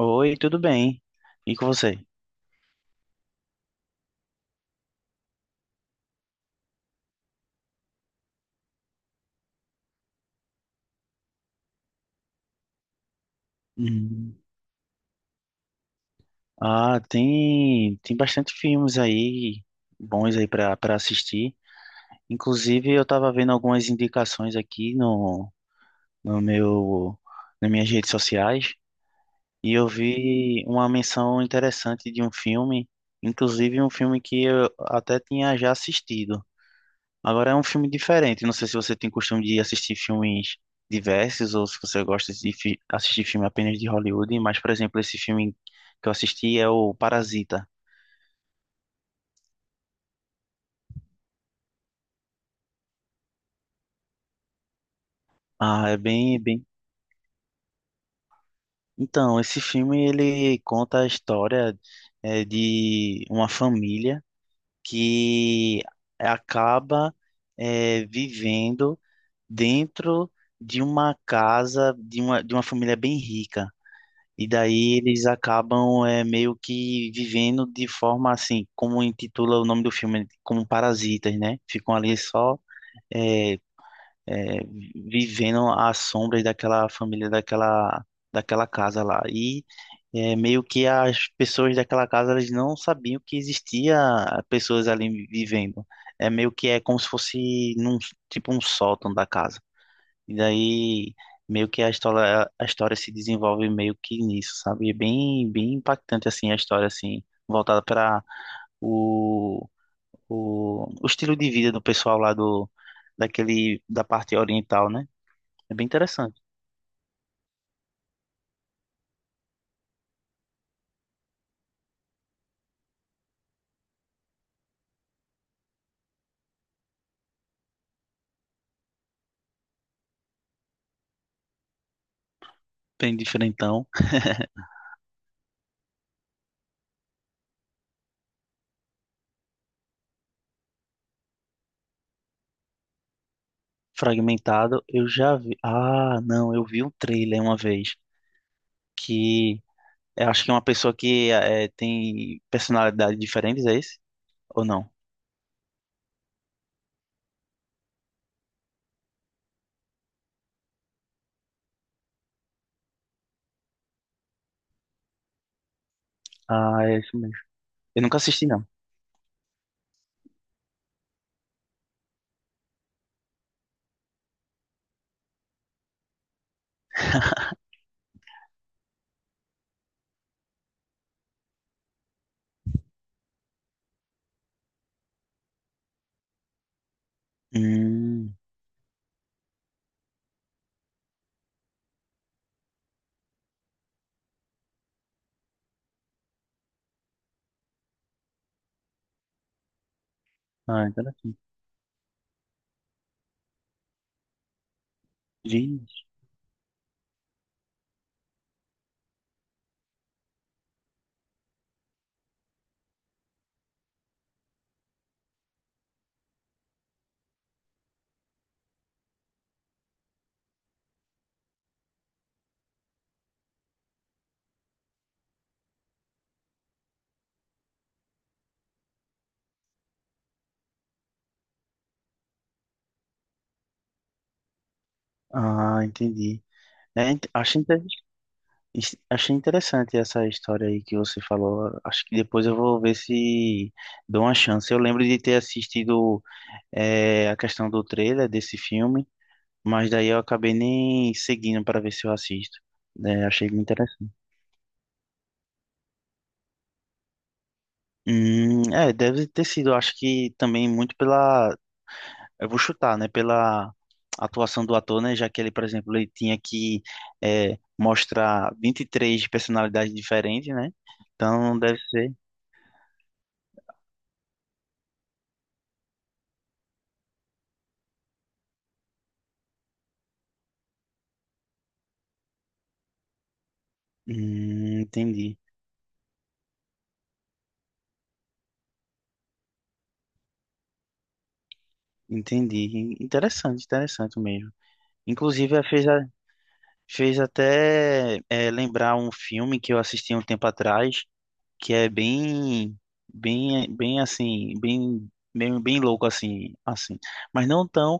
Oi, tudo bem? E com você? Hum. Ah, tem bastante filmes aí bons aí para assistir. Inclusive, eu tava vendo algumas indicações aqui no no meu nas minhas redes sociais e eu vi uma menção interessante de um filme, inclusive um filme que eu até tinha já assistido. Agora é um filme diferente. Não sei se você tem costume de assistir filmes diversos ou se você gosta de assistir filme apenas de Hollywood, mas, por exemplo, esse filme que eu assisti é o Parasita. Ah, é bem, bem. Então, esse filme ele conta a história de uma família que acaba vivendo dentro de uma casa de uma família bem rica. E daí eles acabam é, meio que vivendo de forma assim, como intitula o nome do filme, como parasitas, né? Ficam ali só é, é, vivendo às sombras daquela casa lá. E é, meio que as pessoas daquela casa elas não sabiam que existia pessoas ali vivendo. É meio que é como se fosse num, tipo um sótão da casa. E daí meio que a história se desenvolve meio que nisso, sabe? É bem, bem impactante assim a história assim, voltada para o, o estilo de vida do pessoal lá do daquele da parte oriental, né? É bem interessante. Bem diferentão, fragmentado. Eu já vi. Ah, não, eu vi um trailer uma vez que eu acho que é uma pessoa que é, tem personalidades diferentes, é esse? Ou não? Ah, é isso mesmo. Eu nunca assisti, não. Hum, ah, interessante. Gente, ah, entendi. É, int- achei, inter- achei interessante essa história aí que você falou. Acho que depois eu vou ver se dou uma chance. Eu lembro de ter assistido a questão do trailer desse filme, mas daí eu acabei nem seguindo para ver se eu assisto. É, achei interessante. É, deve ter sido, acho que também muito pela... Eu vou chutar, né? Pela atuação do ator, né? Já que ele, por exemplo, ele tinha que mostrar 23 personalidades diferentes, né? Então deve ser. Entendi, entendi. Interessante, interessante mesmo. Inclusive, fez até lembrar um filme que eu assisti um tempo atrás, que é bem assim, bem louco assim, assim. Mas não tão...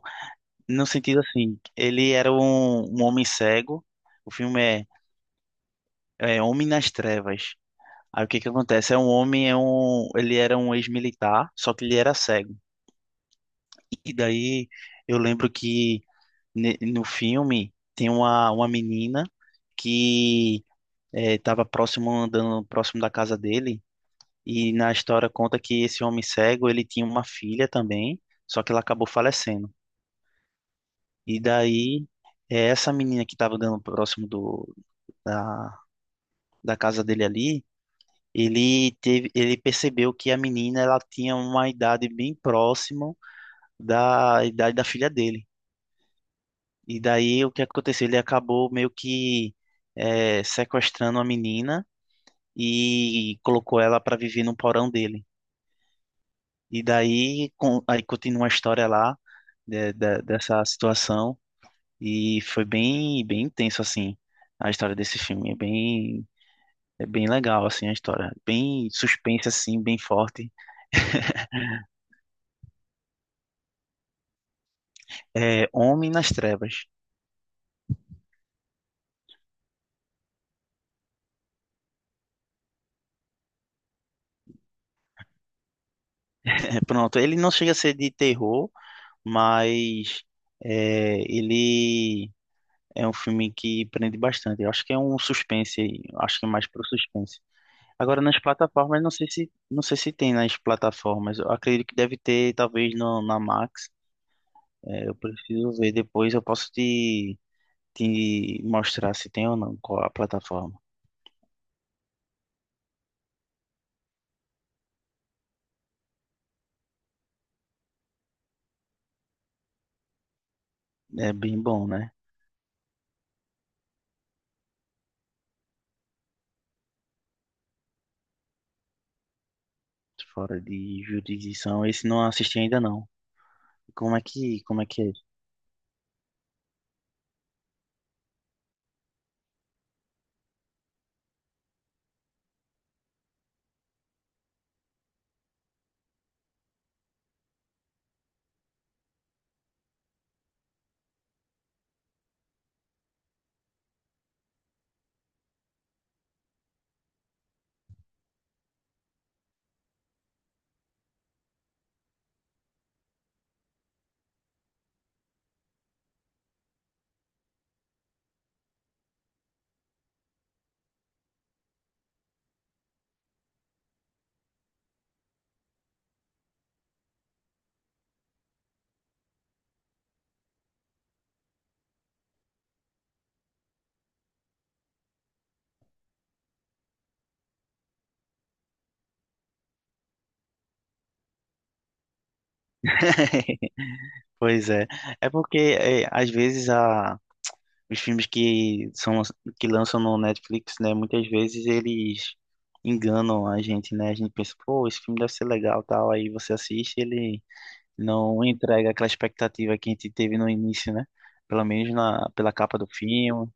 No sentido assim, ele era um homem cego. O filme é Homem nas Trevas. Aí o que que acontece? É um homem, é um, ele era um ex-militar, só que ele era cego. E daí eu lembro que no filme tem uma menina que estava próximo andando próximo da casa dele e na história conta que esse homem cego ele tinha uma filha também, só que ela acabou falecendo. E daí é essa menina que estava andando próximo da, da casa dele ali, ele teve, ele percebeu que a menina ela tinha uma idade bem próxima da idade da filha dele. E daí o que aconteceu? Ele acabou meio que sequestrando a menina e colocou ela para viver no porão dele. E daí com, aí continua a história lá dessa situação e foi bem intenso assim a história desse filme. É bem legal assim a história, bem suspense assim, bem forte. É, Homem nas Trevas. É, pronto, ele não chega a ser de terror, mas é, ele é um filme que prende bastante. Eu acho que é um suspense, eu acho que é mais pro suspense. Agora nas plataformas, não sei se não sei se tem nas plataformas. Eu acredito que deve ter, talvez no, na Max. É, eu preciso ver depois. Eu posso te mostrar se tem ou não qual a plataforma. É bem bom, né? Fora de jurisdição. Esse não assisti ainda não. Como é que é? Pois é. Às vezes os filmes que são que lançam no Netflix, né, muitas vezes eles enganam a gente, né? A gente pensa, pô, esse filme deve ser legal, tal, aí você assiste, ele não entrega aquela expectativa que a gente teve no início, né? Pelo menos na pela capa do filme.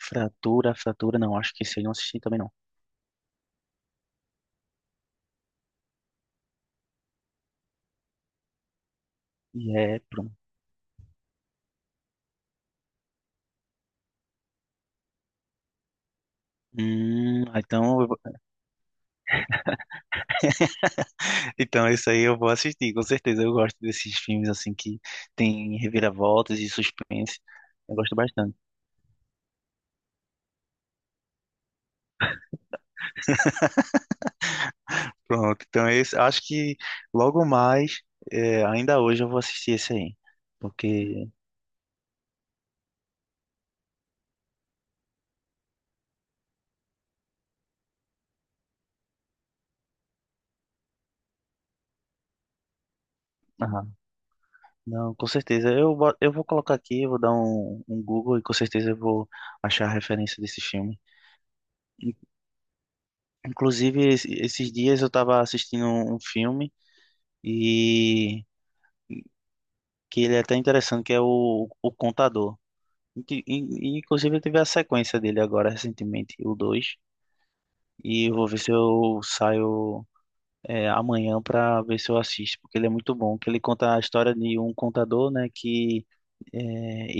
Fratura, não, acho que esse eu não assisti também não. E é, pronto. Então... Então, isso aí eu vou assistir, com certeza. Eu gosto desses filmes assim que tem reviravoltas e suspense. Eu gosto bastante. Pronto, então é esse, acho que logo mais, é, ainda hoje eu vou assistir esse aí. Porque, ah, não, com certeza. Eu vou colocar aqui, eu vou dar um Google e com certeza eu vou achar a referência desse filme. In- Inclusive, esses dias eu estava assistindo um filme e que ele é até interessante, que é o Contador. Inclusive, eu tive a sequência dele agora recentemente, o dois. E eu vou ver se eu saio amanhã pra ver se eu assisto, porque ele é muito bom. Que ele conta a história de um contador, né? Que é,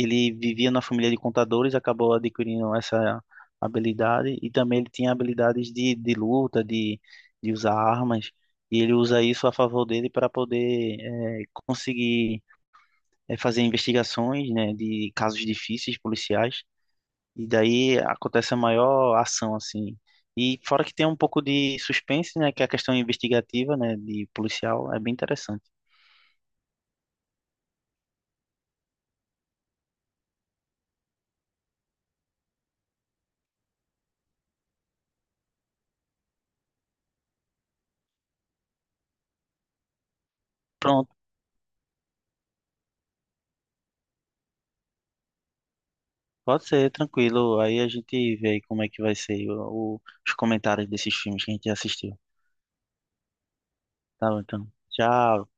ele vivia na família de contadores, acabou adquirindo essa habilidade. E também ele tinha habilidades de luta, de usar armas. E ele usa isso a favor dele para poder conseguir fazer investigações, né? De casos difíceis policiais. E daí acontece a maior ação, assim. E fora que tem um pouco de suspense, né? Que é a questão investigativa, né? De policial, é bem interessante. Pronto, pode ser, tranquilo. Aí a gente vê aí como é que vai ser os comentários desses filmes que a gente assistiu. Tá bom, então. Tchau.